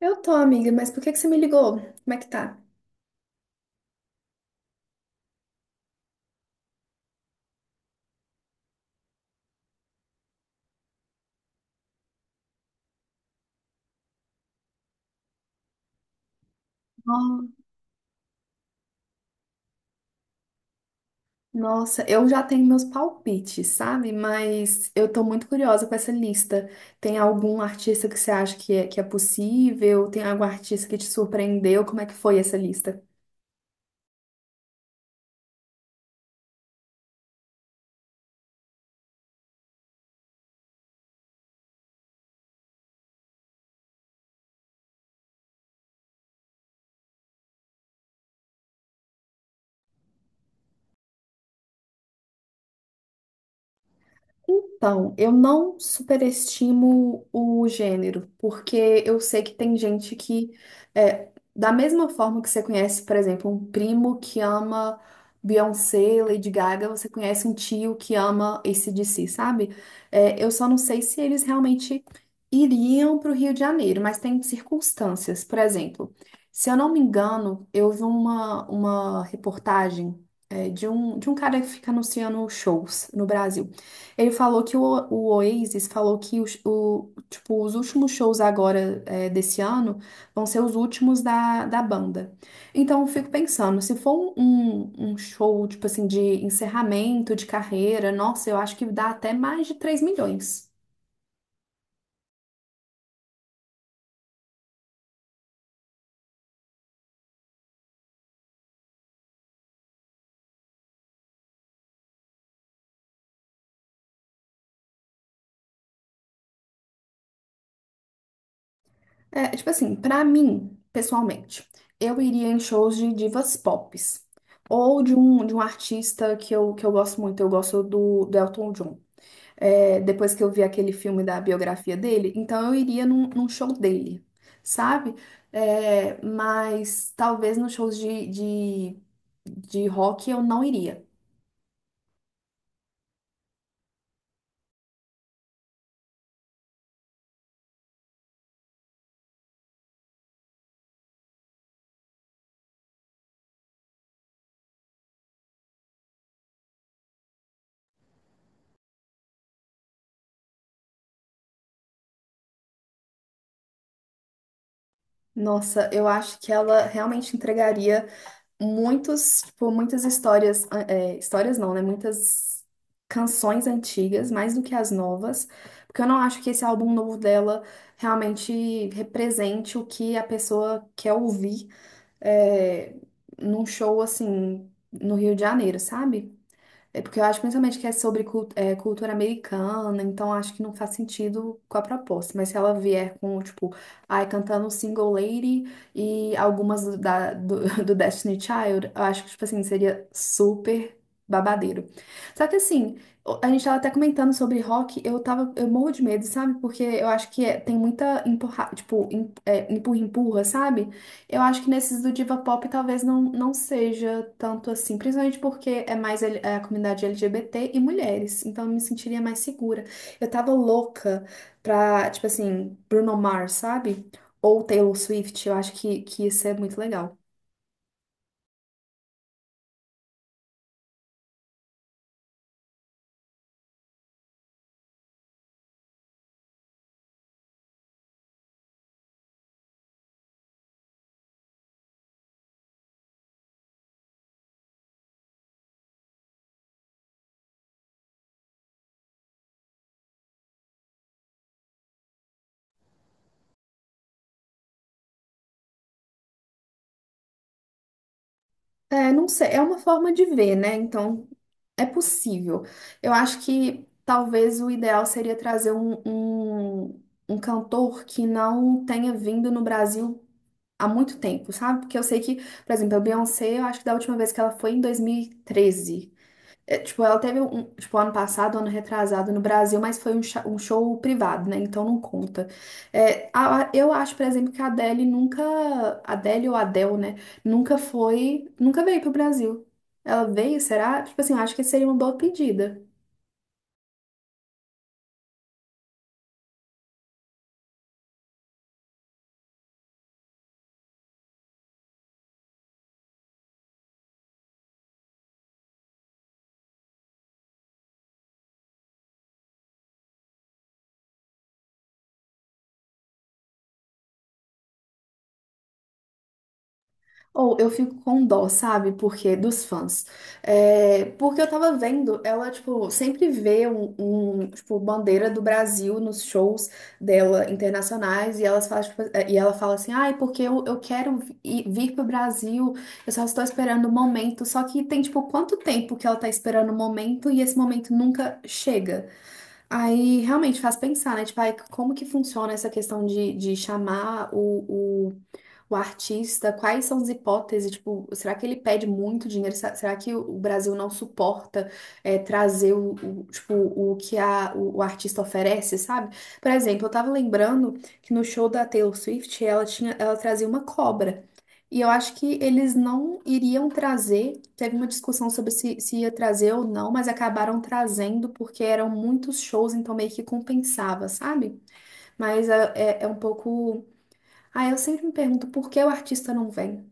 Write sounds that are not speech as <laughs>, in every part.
Eu tô, amiga, mas por que que você me ligou? Como é que tá? Ó, nossa, eu já tenho meus palpites, sabe? Mas eu tô muito curiosa com essa lista. Tem algum artista que você acha que é possível? Tem algum artista que te surpreendeu? Como é que foi essa lista? Então, eu não superestimo o gênero, porque eu sei que tem gente que, é, da mesma forma que você conhece, por exemplo, um primo que ama Beyoncé, Lady Gaga, você conhece um tio que ama AC/DC, sabe? É, eu só não sei se eles realmente iriam para o Rio de Janeiro, mas tem circunstâncias. Por exemplo, se eu não me engano, eu vi uma reportagem, de um cara que fica anunciando shows no Brasil. Ele falou que o Oasis falou que os, o, tipo, os últimos shows agora desse ano vão ser os últimos da banda. Então eu fico pensando, se for um, um show tipo assim de encerramento de carreira, nossa, eu acho que dá até mais de 3 milhões. É, tipo assim, pra mim, pessoalmente, eu iria em shows de divas pop. Ou de um artista que eu gosto muito, eu gosto do, do Elton John. Depois que eu vi aquele filme da biografia dele, então eu iria num, num show dele, sabe? É, mas talvez nos shows de rock eu não iria. Nossa, eu acho que ela realmente entregaria muitos, tipo, muitas histórias, é, histórias não, né? Muitas canções antigas, mais do que as novas, porque eu não acho que esse álbum novo dela realmente represente o que a pessoa quer ouvir é, num show assim no Rio de Janeiro, sabe? É porque eu acho principalmente que é sobre cultura americana, então acho que não faz sentido com a proposta. Mas se ela vier com, tipo, ai, cantando Single Lady e algumas do, do, <laughs> do Destiny Child, eu acho que, tipo assim, seria super babadeiro. Só que assim, a gente tava até comentando sobre rock, eu tava, eu morro de medo, sabe? Porque eu acho que tem muita empurra, tipo, empurra, empurra, sabe? Eu acho que nesses do diva pop talvez não seja tanto assim, principalmente porque é mais é a comunidade LGBT e mulheres, então eu me sentiria mais segura. Eu tava louca pra, tipo assim, Bruno Mars, sabe? Ou Taylor Swift, eu acho que isso é muito legal. É, não sei, é uma forma de ver, né? Então é possível. Eu acho que talvez o ideal seria trazer um cantor que não tenha vindo no Brasil há muito tempo, sabe? Porque eu sei que, por exemplo, a Beyoncé, eu acho que da última vez que ela foi em 2013. É, tipo, ela teve um, tipo, ano passado, ano retrasado no Brasil, mas foi um, um show privado, né? Então não conta. É, eu acho, por exemplo, que a Adele nunca, Adele ou Adele, né? Nunca foi, nunca veio pro Brasil. Ela veio, será? Tipo assim, eu acho que seria uma boa pedida. Ou eu fico com dó, sabe? Porque dos fãs. É, porque eu tava vendo, ela, tipo, sempre vê um, um, tipo, bandeira do Brasil nos shows dela internacionais e elas falam, tipo, e ela fala assim, ai, porque eu quero vir pro Brasil, eu só estou esperando o momento. Só que tem, tipo, quanto tempo que ela tá esperando o momento e esse momento nunca chega. Aí realmente faz pensar, né? Tipo, ai, como que funciona essa questão de chamar o o artista, quais são as hipóteses? Tipo, será que ele pede muito dinheiro? Será que o Brasil não suporta trazer tipo, o que a, o artista oferece, sabe? Por exemplo, eu tava lembrando que no show da Taylor Swift ela tinha, ela trazia uma cobra. E eu acho que eles não iriam trazer. Teve uma discussão sobre se ia trazer ou não, mas acabaram trazendo porque eram muitos shows, então meio que compensava, sabe? Mas é, é um pouco. Ah, eu sempre me pergunto por que o artista não vem.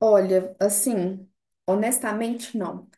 Olha, assim, honestamente, não.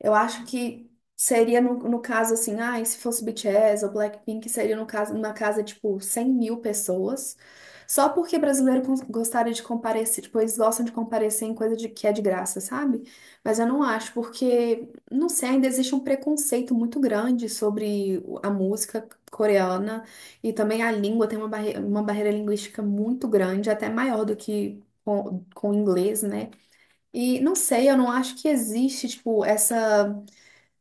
Eu acho que seria no, no caso assim, ah, e se fosse BTS ou Blackpink, seria no caso, numa casa tipo 100 mil pessoas. Só porque brasileiro gostaria de comparecer, tipo, eles gostam de comparecer em coisa de, que é de graça, sabe? Mas eu não acho, porque, não sei, ainda existe um preconceito muito grande sobre a música coreana e também a língua tem uma, barre uma barreira linguística muito grande, até maior do que com o inglês, né? E não sei, eu não acho que existe, tipo, essa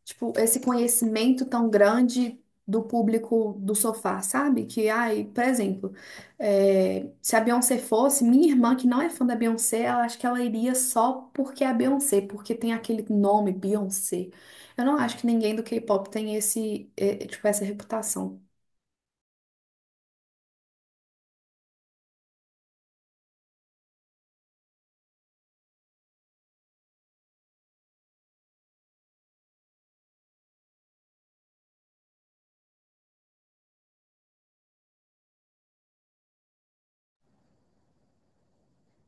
tipo, esse conhecimento tão grande do público do sofá, sabe? Que, ai, por exemplo, se a Beyoncé fosse, minha irmã, que não é fã da Beyoncé, ela acha que ela iria só porque é a Beyoncé, porque tem aquele nome, Beyoncé. Eu não acho que ninguém do K-pop tem esse, é, tipo, essa reputação.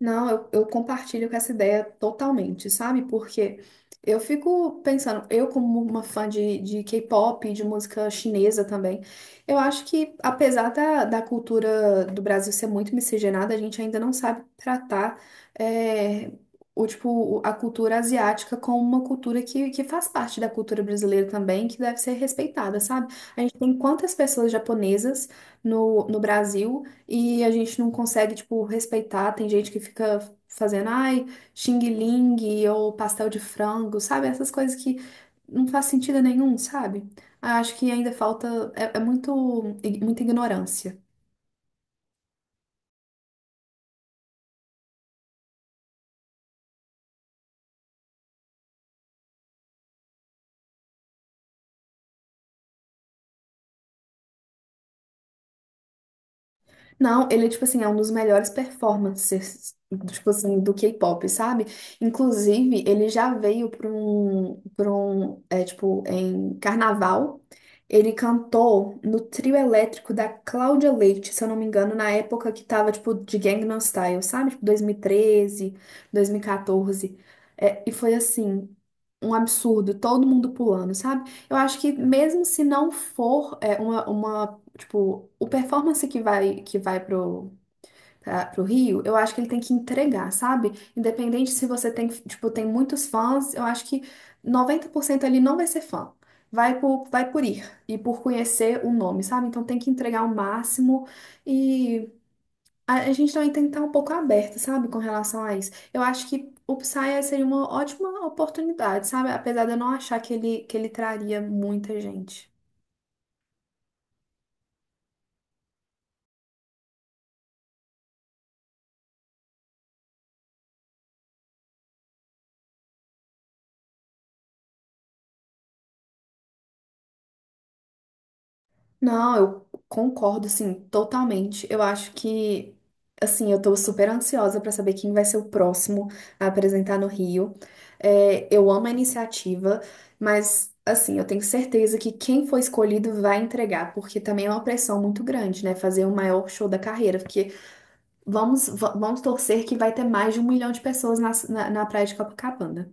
Não, eu compartilho com essa ideia totalmente, sabe? Porque eu fico pensando, eu como uma fã de K-pop, e de música chinesa também, eu acho que apesar da cultura do Brasil ser muito miscigenada, a gente ainda não sabe tratar é, o a cultura asiática como uma cultura que faz parte da cultura brasileira também, que deve ser respeitada, sabe? A gente tem quantas pessoas japonesas no, no Brasil? E a gente não consegue, tipo, respeitar. Tem gente que fica fazendo, ai, xing ling ou pastel de frango, sabe? Essas coisas que não faz sentido nenhum, sabe? Acho que ainda falta, é, muito, muita ignorância. Não, ele é tipo assim, é um dos melhores performances, tipo assim, do K-pop, sabe? Inclusive, ele já veio para um, é, tipo, em carnaval, ele cantou no trio elétrico da Cláudia Leite, se eu não me engano, na época que tava, tipo, de Gangnam Style, sabe? Tipo, 2013, 2014. É, e foi assim, um absurdo, todo mundo pulando, sabe? Eu acho que mesmo se não for é, uma tipo, o performance que vai pro, pro Rio, eu acho que ele tem que entregar, sabe? Independente se você tem, tipo, tem muitos fãs, eu acho que 90% ali não vai ser fã. Vai por ir e por conhecer o nome, sabe? Então tem que entregar o máximo e a gente também tem que estar um pouco aberto, sabe, com relação a isso. Eu acho que o Psy seria uma ótima oportunidade, sabe? Apesar de eu não achar que ele traria muita gente. Não, eu concordo, assim, totalmente. Eu acho que, assim, eu tô super ansiosa pra saber quem vai ser o próximo a apresentar no Rio. É, eu amo a iniciativa, mas, assim, eu tenho certeza que quem for escolhido vai entregar, porque também é uma pressão muito grande, né? Fazer o maior show da carreira, porque vamos torcer que vai ter mais de 1 milhão de pessoas na, na, na Praia de Copacabana.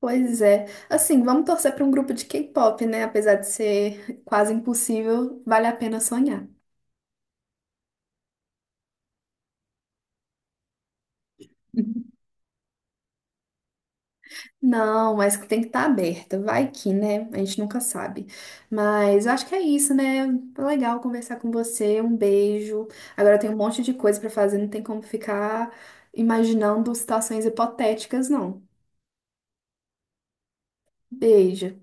Pois é. Assim, vamos torcer para um grupo de K-pop, né? Apesar de ser quase impossível, vale a pena sonhar. <laughs> Não, mas tem que estar aberta. Vai que, né? A gente nunca sabe. Mas eu acho que é isso, né? Foi legal conversar com você. Um beijo. Agora tem um monte de coisa para fazer, não tem como ficar imaginando situações hipotéticas, não. Beijo.